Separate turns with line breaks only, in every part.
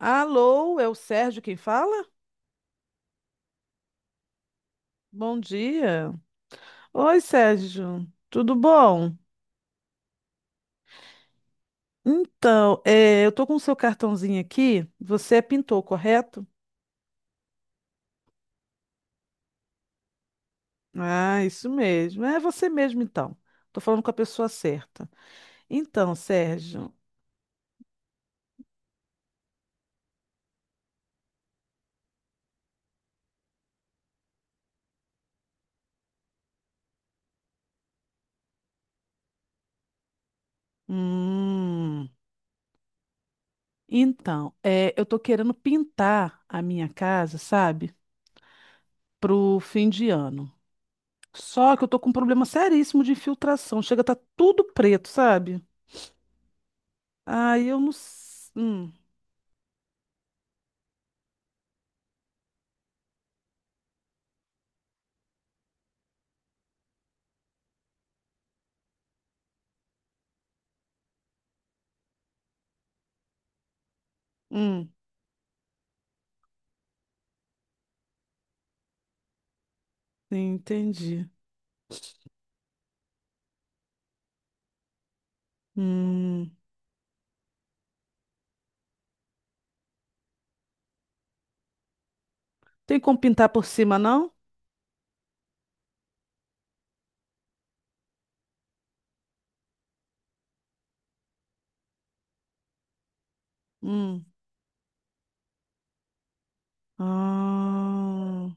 Alô, é o Sérgio quem fala? Bom dia. Oi, Sérgio, tudo bom? Então, eu tô com o seu cartãozinho aqui. Você é pintor, correto? Ah, isso mesmo. É você mesmo, então. Tô falando com a pessoa certa. Então, Sérgio. Hum. Então, eu tô querendo pintar a minha casa, sabe? Pro fim de ano. Só que eu tô com um problema seríssimo de infiltração. Chega, tá tudo preto, sabe? Aí eu não. Hum, hum, entendi. Hum. Tem como pintar por cima, não? Hum. Ah,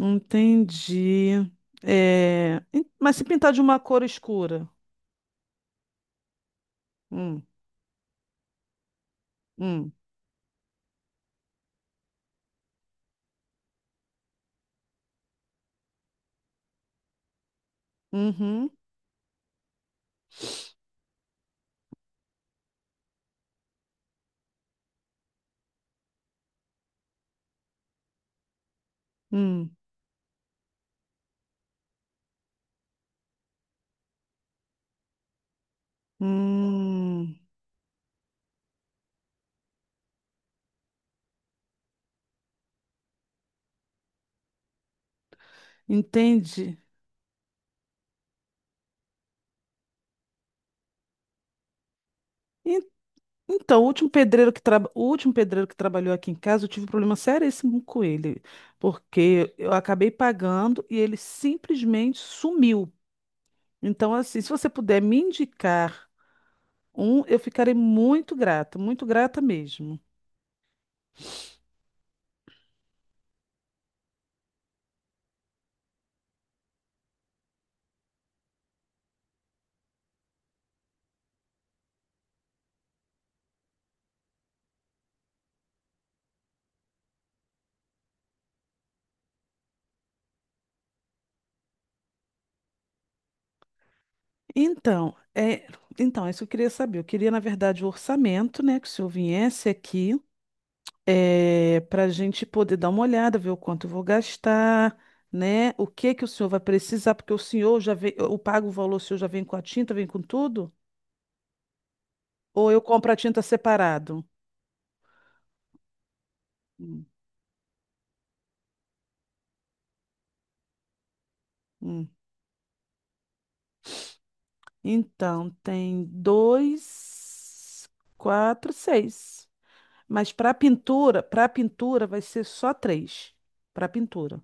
entendi. É, mas se pintar de uma cor escura? Hum, hum, uhum, hum, hum. Entende? En- Então, o último pedreiro que trabalhou aqui em casa, eu tive um problema seríssimo com ele, porque eu acabei pagando e ele simplesmente sumiu. Então, assim, se você puder me indicar um, eu ficarei muito grata mesmo. Então, é, então, é isso que eu queria saber. Eu queria, na verdade, o orçamento, né, que o senhor viesse aqui para a gente poder dar uma olhada, ver o quanto eu vou gastar, né? O que que o senhor vai precisar, porque o senhor já vem, eu pago o valor, o senhor já vem com a tinta, vem com tudo? Ou eu compro a tinta separado? Hum, hum. Então, tem dois, quatro, seis. Mas para pintura vai ser só três. Para pintura,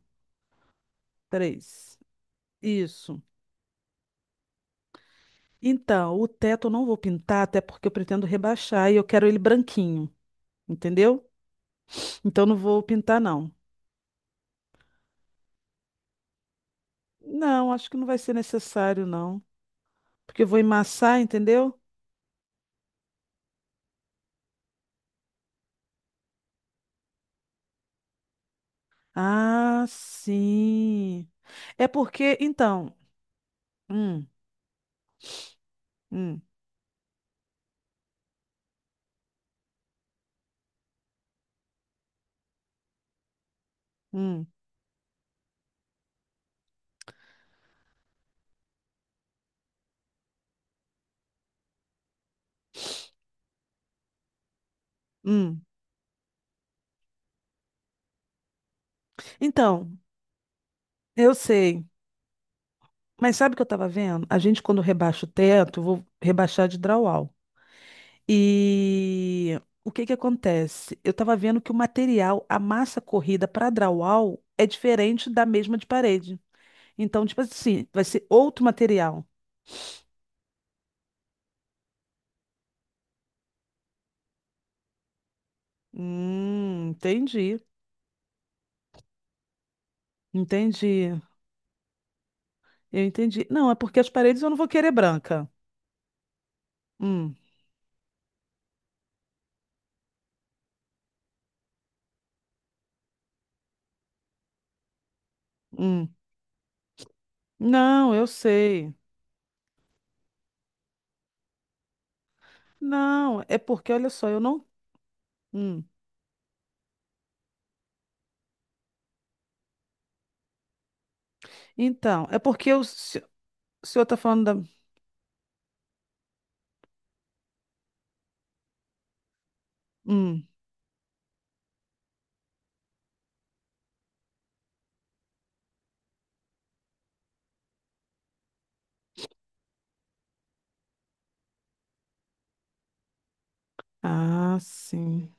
três. Isso. Então, o teto eu não vou pintar, até porque eu pretendo rebaixar e eu quero ele branquinho, entendeu? Então não vou pintar, não. Não, acho que não vai ser necessário, não. Porque eu vou emassar, entendeu? Ah, sim. É porque, então. Hum, hum, hum, hum. Então, eu sei. Mas sabe o que eu estava vendo? A gente, quando rebaixa o teto, eu vou rebaixar de drywall. E o que que acontece? Eu estava vendo que o material, a massa corrida para drywall é diferente da mesma de parede. Então, tipo assim, vai ser outro material. Entendi, entendi, eu entendi. Não, é porque as paredes eu não vou querer branca. Hum, hum. Não, eu sei. Não, é porque, olha só, eu não. Hum. Então, é porque o o senhor tá falando da. Hum. Ah, sim,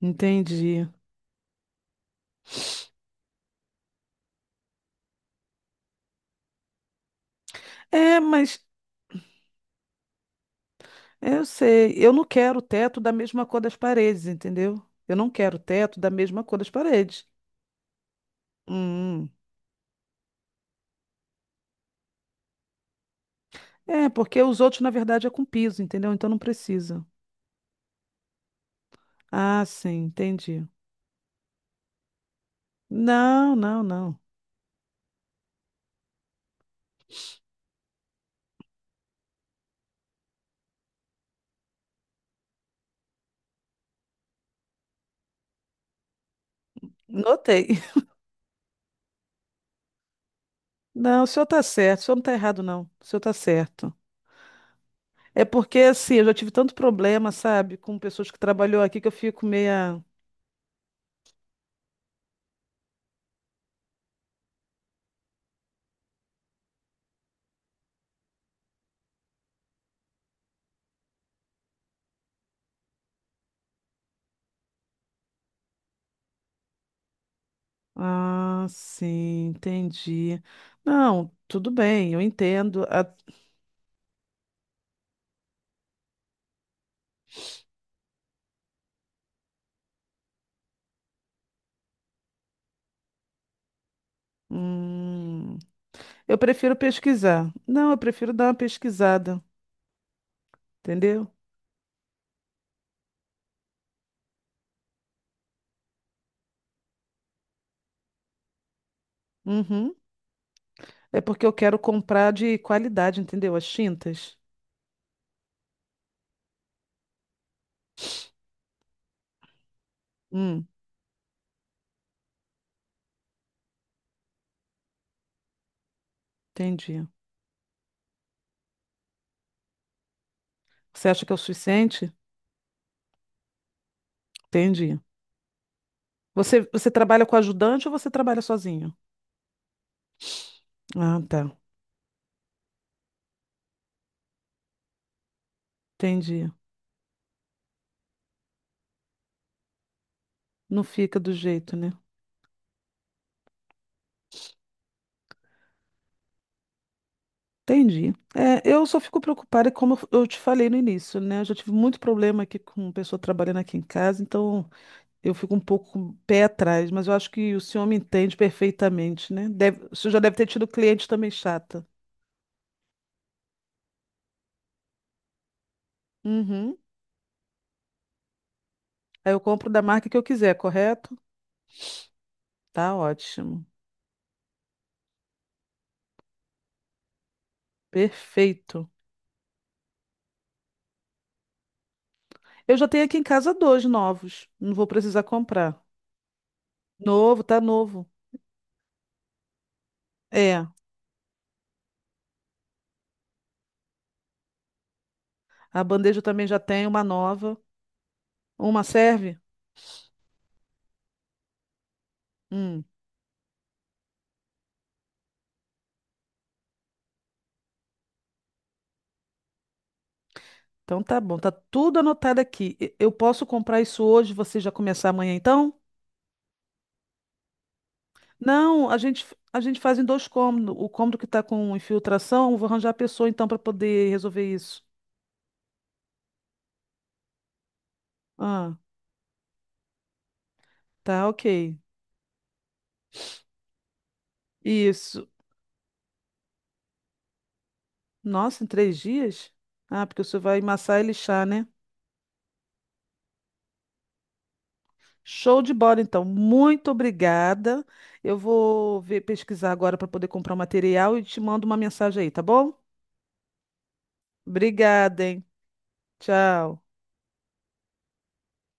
entendi. É, mas eu sei, eu não quero o teto da mesma cor das paredes, entendeu? Eu não quero o teto da mesma cor das paredes. Hum. Hum. É, porque os outros, na verdade, é com piso, entendeu? Então não precisa. Ah, sim, entendi. Não, não, não. Notei. Não, o senhor está certo, o senhor não está errado, não. O senhor está certo. É porque, assim, eu já tive tanto problema, sabe, com pessoas que trabalhou aqui que eu fico meia. Ah, sim, entendi. Não, tudo bem, eu entendo. Hum. Eu prefiro pesquisar. Não, eu prefiro dar uma pesquisada, entendeu? Uhum. É porque eu quero comprar de qualidade, entendeu? As tintas. Hum, entendi. Você acha que é o suficiente? Entendi. Você trabalha com ajudante ou você trabalha sozinho? Ah, tá. Entendi. Não fica do jeito, né? Entendi. É, eu só fico preocupada, como eu te falei no início, né? Eu já tive muito problema aqui com pessoa trabalhando aqui em casa, então eu fico um pouco com o pé atrás, mas eu acho que o senhor me entende perfeitamente, né? Deve, o senhor já deve ter tido cliente também chata. Uhum. Aí eu compro da marca que eu quiser, correto? Tá ótimo. Perfeito. Eu já tenho aqui em casa dois novos. Não vou precisar comprar. Novo, tá novo. É, a bandeja eu também já tem uma nova. Uma serve? Hum, então tá bom, tá tudo anotado aqui. Eu posso comprar isso hoje, você já começar amanhã então? Não, a gente faz em dois cômodos. O cômodo que tá com infiltração, eu vou arranjar a pessoa então para poder resolver isso. Ah, tá, ok. Isso. Nossa, em 3 dias? Ah, porque você vai massar e lixar, né? Show de bola, então. Muito obrigada. Eu vou ver, pesquisar agora para poder comprar o material e te mando uma mensagem aí, tá bom? Obrigada, hein? Tchau.